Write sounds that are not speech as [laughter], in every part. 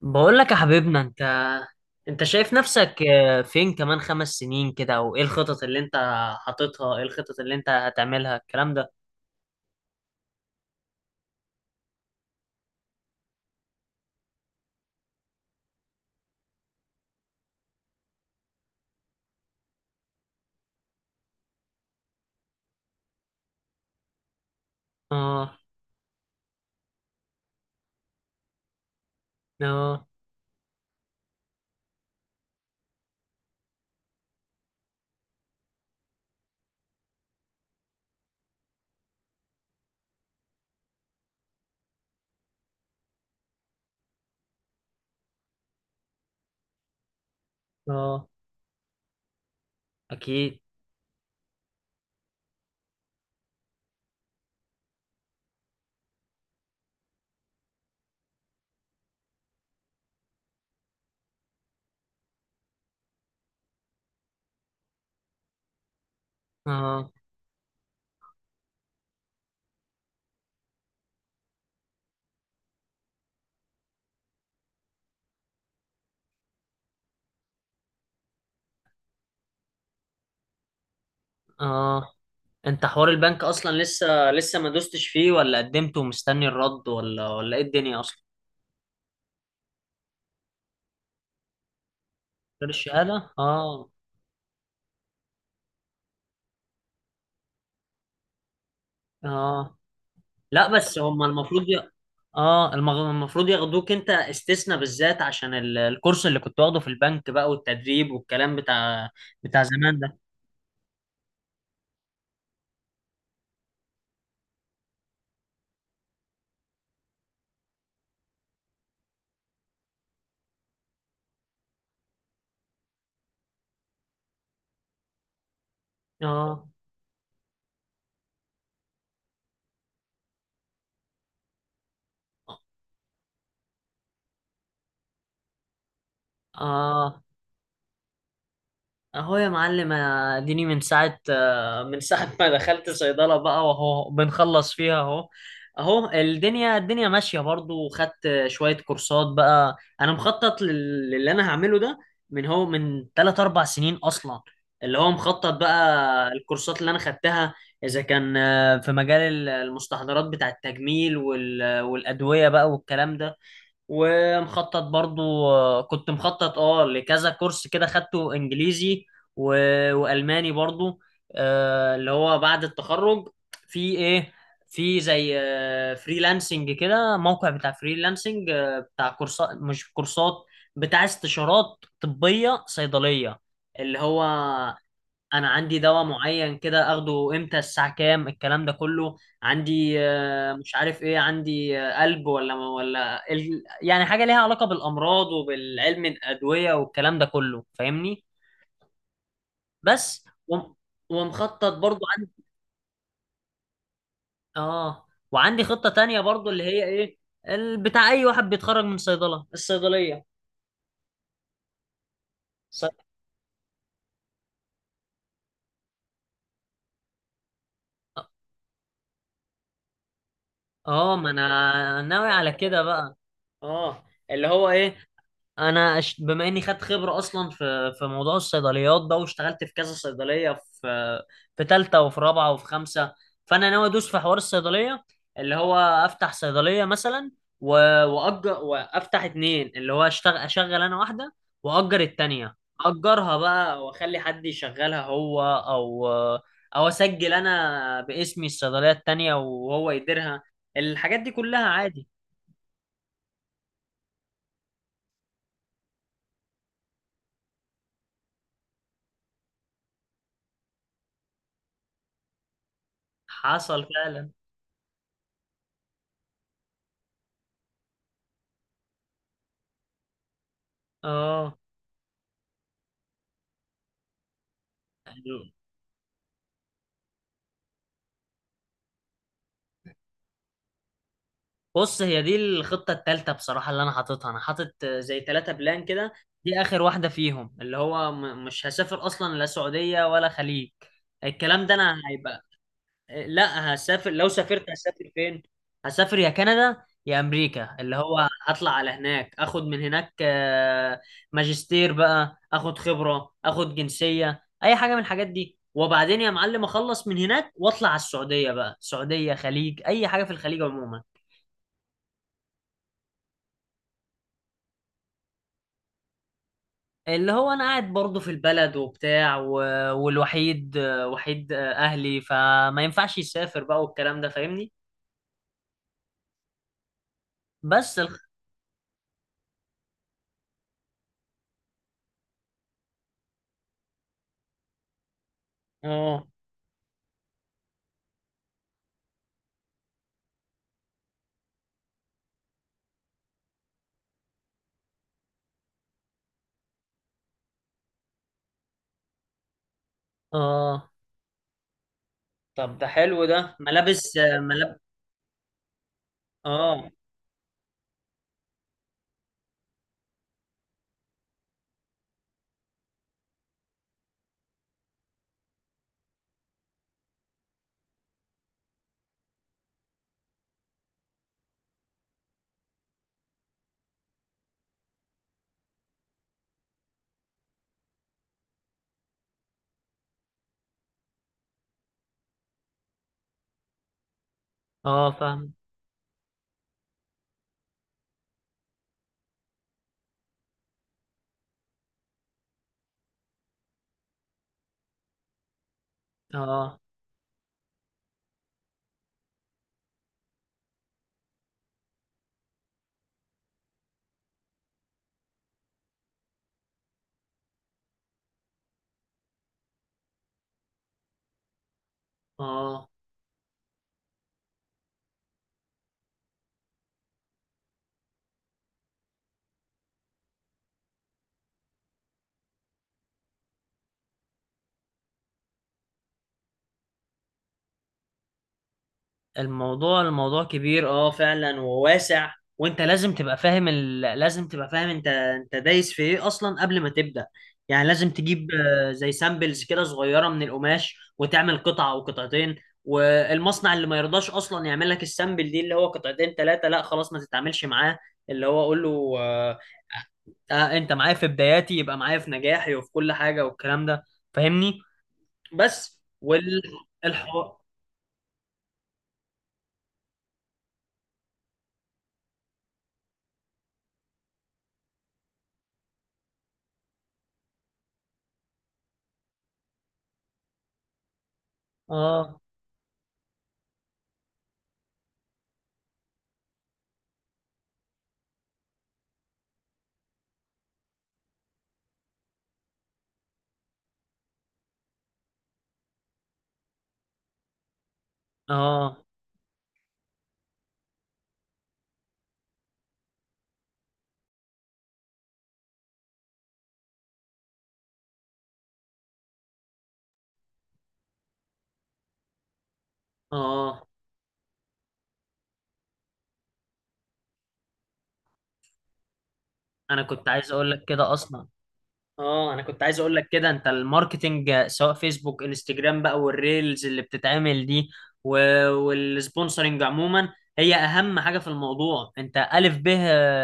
بقول لك يا حبيبنا انت. انت شايف نفسك فين كمان خمس سنين كده او ايه الخطط اللي انت حاططها؟ ايه الخطط اللي انت هتعملها الكلام ده؟ اه. اه. اه اكيد. اه. اه انت حوار البنك اصلا لسه ما دوستش فيه، ولا قدمت ومستني الرد، ولا ولا ايه الدنيا اصلا؟ غير الشهادة اه. اه. لا بس هم المفروض اه المفروض ياخدوك انت استثناء، بالذات عشان الكورس اللي كنت واخده في البنك بقى والتدريب والكلام بتاع بتاع زمان ده. اه. اه. اهو يا معلم اديني من ساعة من ساعة ما دخلت صيدلة بقى واهو بنخلص فيها اهو. اهو الدنيا الدنيا ماشية برضو، وخدت شوية كورسات بقى. انا مخطط للي انا هعمله ده من هو من 3 4 سنين اصلا، اللي هو مخطط بقى الكورسات اللي انا خدتها اذا كان في مجال المستحضرات بتاع التجميل والادوية بقى والكلام ده. ومخطط برضو، كنت مخطط اه لكذا كورس كده خدته، انجليزي و... والماني برضو. آه اللي هو بعد التخرج في ايه، في زي فريلانسنج كده، موقع بتاع فريلانسنج بتاع كورسات، مش كورسات، بتاع استشارات طبية صيدلية، اللي هو انا عندي دواء معين كده اخده امتى الساعه كام الكلام ده كله. عندي مش عارف ايه، عندي قلب ولا ولا يعني حاجه ليها علاقه بالامراض وبالعلم الادويه والكلام ده كله، فاهمني؟ بس و... ومخطط برضو عندي. اه وعندي خطه تانية برضو اللي هي ايه، بتاع اي واحد بيتخرج من صيدله، الصيدليه ص... اه ما انا ناوي على كده بقى. اه اللي هو ايه، انا بما اني خدت خبره اصلا في في موضوع الصيدليات ده، واشتغلت في كذا صيدليه، في في ثالثه وفي رابعه وفي خمسه. فانا ناوي ادوس في حوار الصيدليه، اللي هو افتح صيدليه مثلا و... واجر وافتح اتنين، اللي هو اشتغل اشغل انا واحده، واجر التانيه، اجرها بقى واخلي حد يشغلها هو، او او اسجل انا باسمي الصيدليه التانيه وهو يديرها. الحاجات دي كلها عادي. حصل فعلا. اه بص هي دي الخطة التالتة بصراحة اللي أنا حاططها، أنا حاطط زي تلاتة بلان كده. دي آخر واحدة فيهم، اللي هو مش هسافر أصلا لا سعودية ولا خليج، الكلام ده أنا هيبقى. لا هسافر. لو سافرت هسافر فين؟ هسافر يا كندا يا أمريكا، اللي هو هطلع على هناك أخد من هناك ماجستير بقى، أخد خبرة أخد جنسية أي حاجة من الحاجات دي، وبعدين يا معلم أخلص من هناك وأطلع على السعودية بقى، سعودية خليج أي حاجة في الخليج عموما. اللي هو انا قاعد برضه في البلد وبتاع و... والوحيد وحيد اهلي، فما ينفعش يسافر بقى والكلام ده، فاهمني؟ بس الخ... اه. اه. طب ده حلو ده، ملابس ملاب. اه. اه فاهم. اه. اه الموضوع الموضوع كبير اه فعلا وواسع، وانت لازم تبقى فاهم لازم تبقى فاهم انت انت دايس في ايه اصلا قبل ما تبدأ. يعني لازم تجيب زي سامبلز كده صغيرة من القماش، وتعمل قطعة او قطعتين. والمصنع اللي ما يرضاش اصلا يعمل لك السامبل دي اللي هو قطعتين ثلاثة، لا خلاص ما تتعاملش معاه. اللي هو اقول له آه انت معايا في بداياتي يبقى معايا في نجاحي وفي كل حاجة والكلام ده، فاهمني؟ بس والحوار. اه. اه. اه انا كنت عايز اقول لك كده اصلا. اه انا كنت عايز اقول لك كده، انت الماركتينج سواء فيسبوك انستجرام بقى والريلز اللي بتتعمل دي و... والسبونسرنج عموما، هي اهم حاجة في الموضوع. انت الف به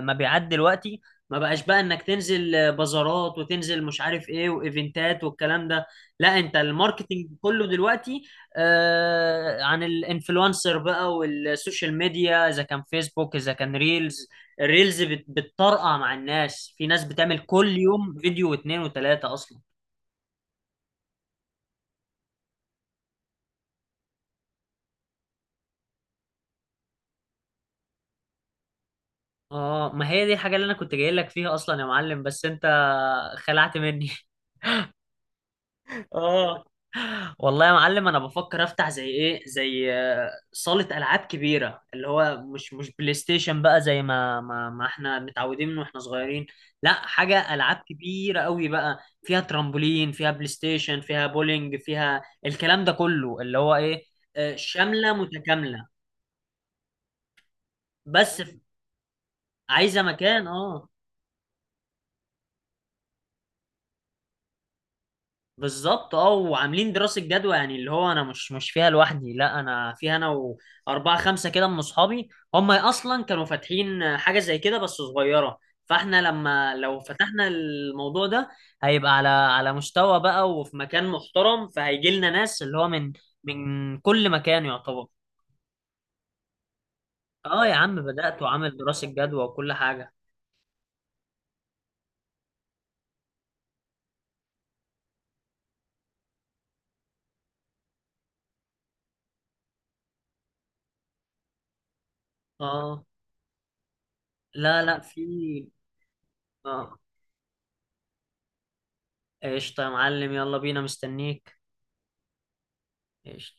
مبيعات دلوقتي، ما بقاش بقى انك تنزل بازارات وتنزل مش عارف ايه وايفنتات والكلام ده. لا انت الماركتينج كله دلوقتي آه عن الانفلونسر بقى والسوشيال ميديا، اذا كان فيسبوك اذا كان ريلز. الريلز بتطرقع مع الناس، في ناس بتعمل كل يوم فيديو واتنين وتلاتة اصلا. اه ما هي دي الحاجة اللي انا كنت جاي لك فيها اصلا يا معلم بس انت خلعت مني. [laughs] اه والله يا معلم انا بفكر افتح زي ايه، زي صالة العاب كبيرة، اللي هو مش مش بلاي ستيشن بقى زي ما ما احنا متعودين من واحنا صغيرين. لا حاجة العاب كبيرة قوي بقى، فيها ترامبولين فيها بلاي ستيشن فيها بولينج فيها الكلام ده كله، اللي هو ايه شاملة متكاملة. بس ف- عايزه مكان اه بالظبط. اه وعاملين دراسه جدوى، يعني اللي هو انا مش مش فيها لوحدي، لا انا فيها انا واربعه خمسه كده من اصحابي. هم اصلا كانوا فاتحين حاجه زي كده بس صغيره، فاحنا لما لو فتحنا الموضوع ده هيبقى على على مستوى بقى وفي مكان محترم، فهيجي لنا ناس اللي هو من من كل مكان يعتبر. اه يا عم بدأت وعامل دراسه جدوى وكل حاجه. اه. لا لا في. اه. قشطه يا معلم يلا بينا مستنيك. ماشي.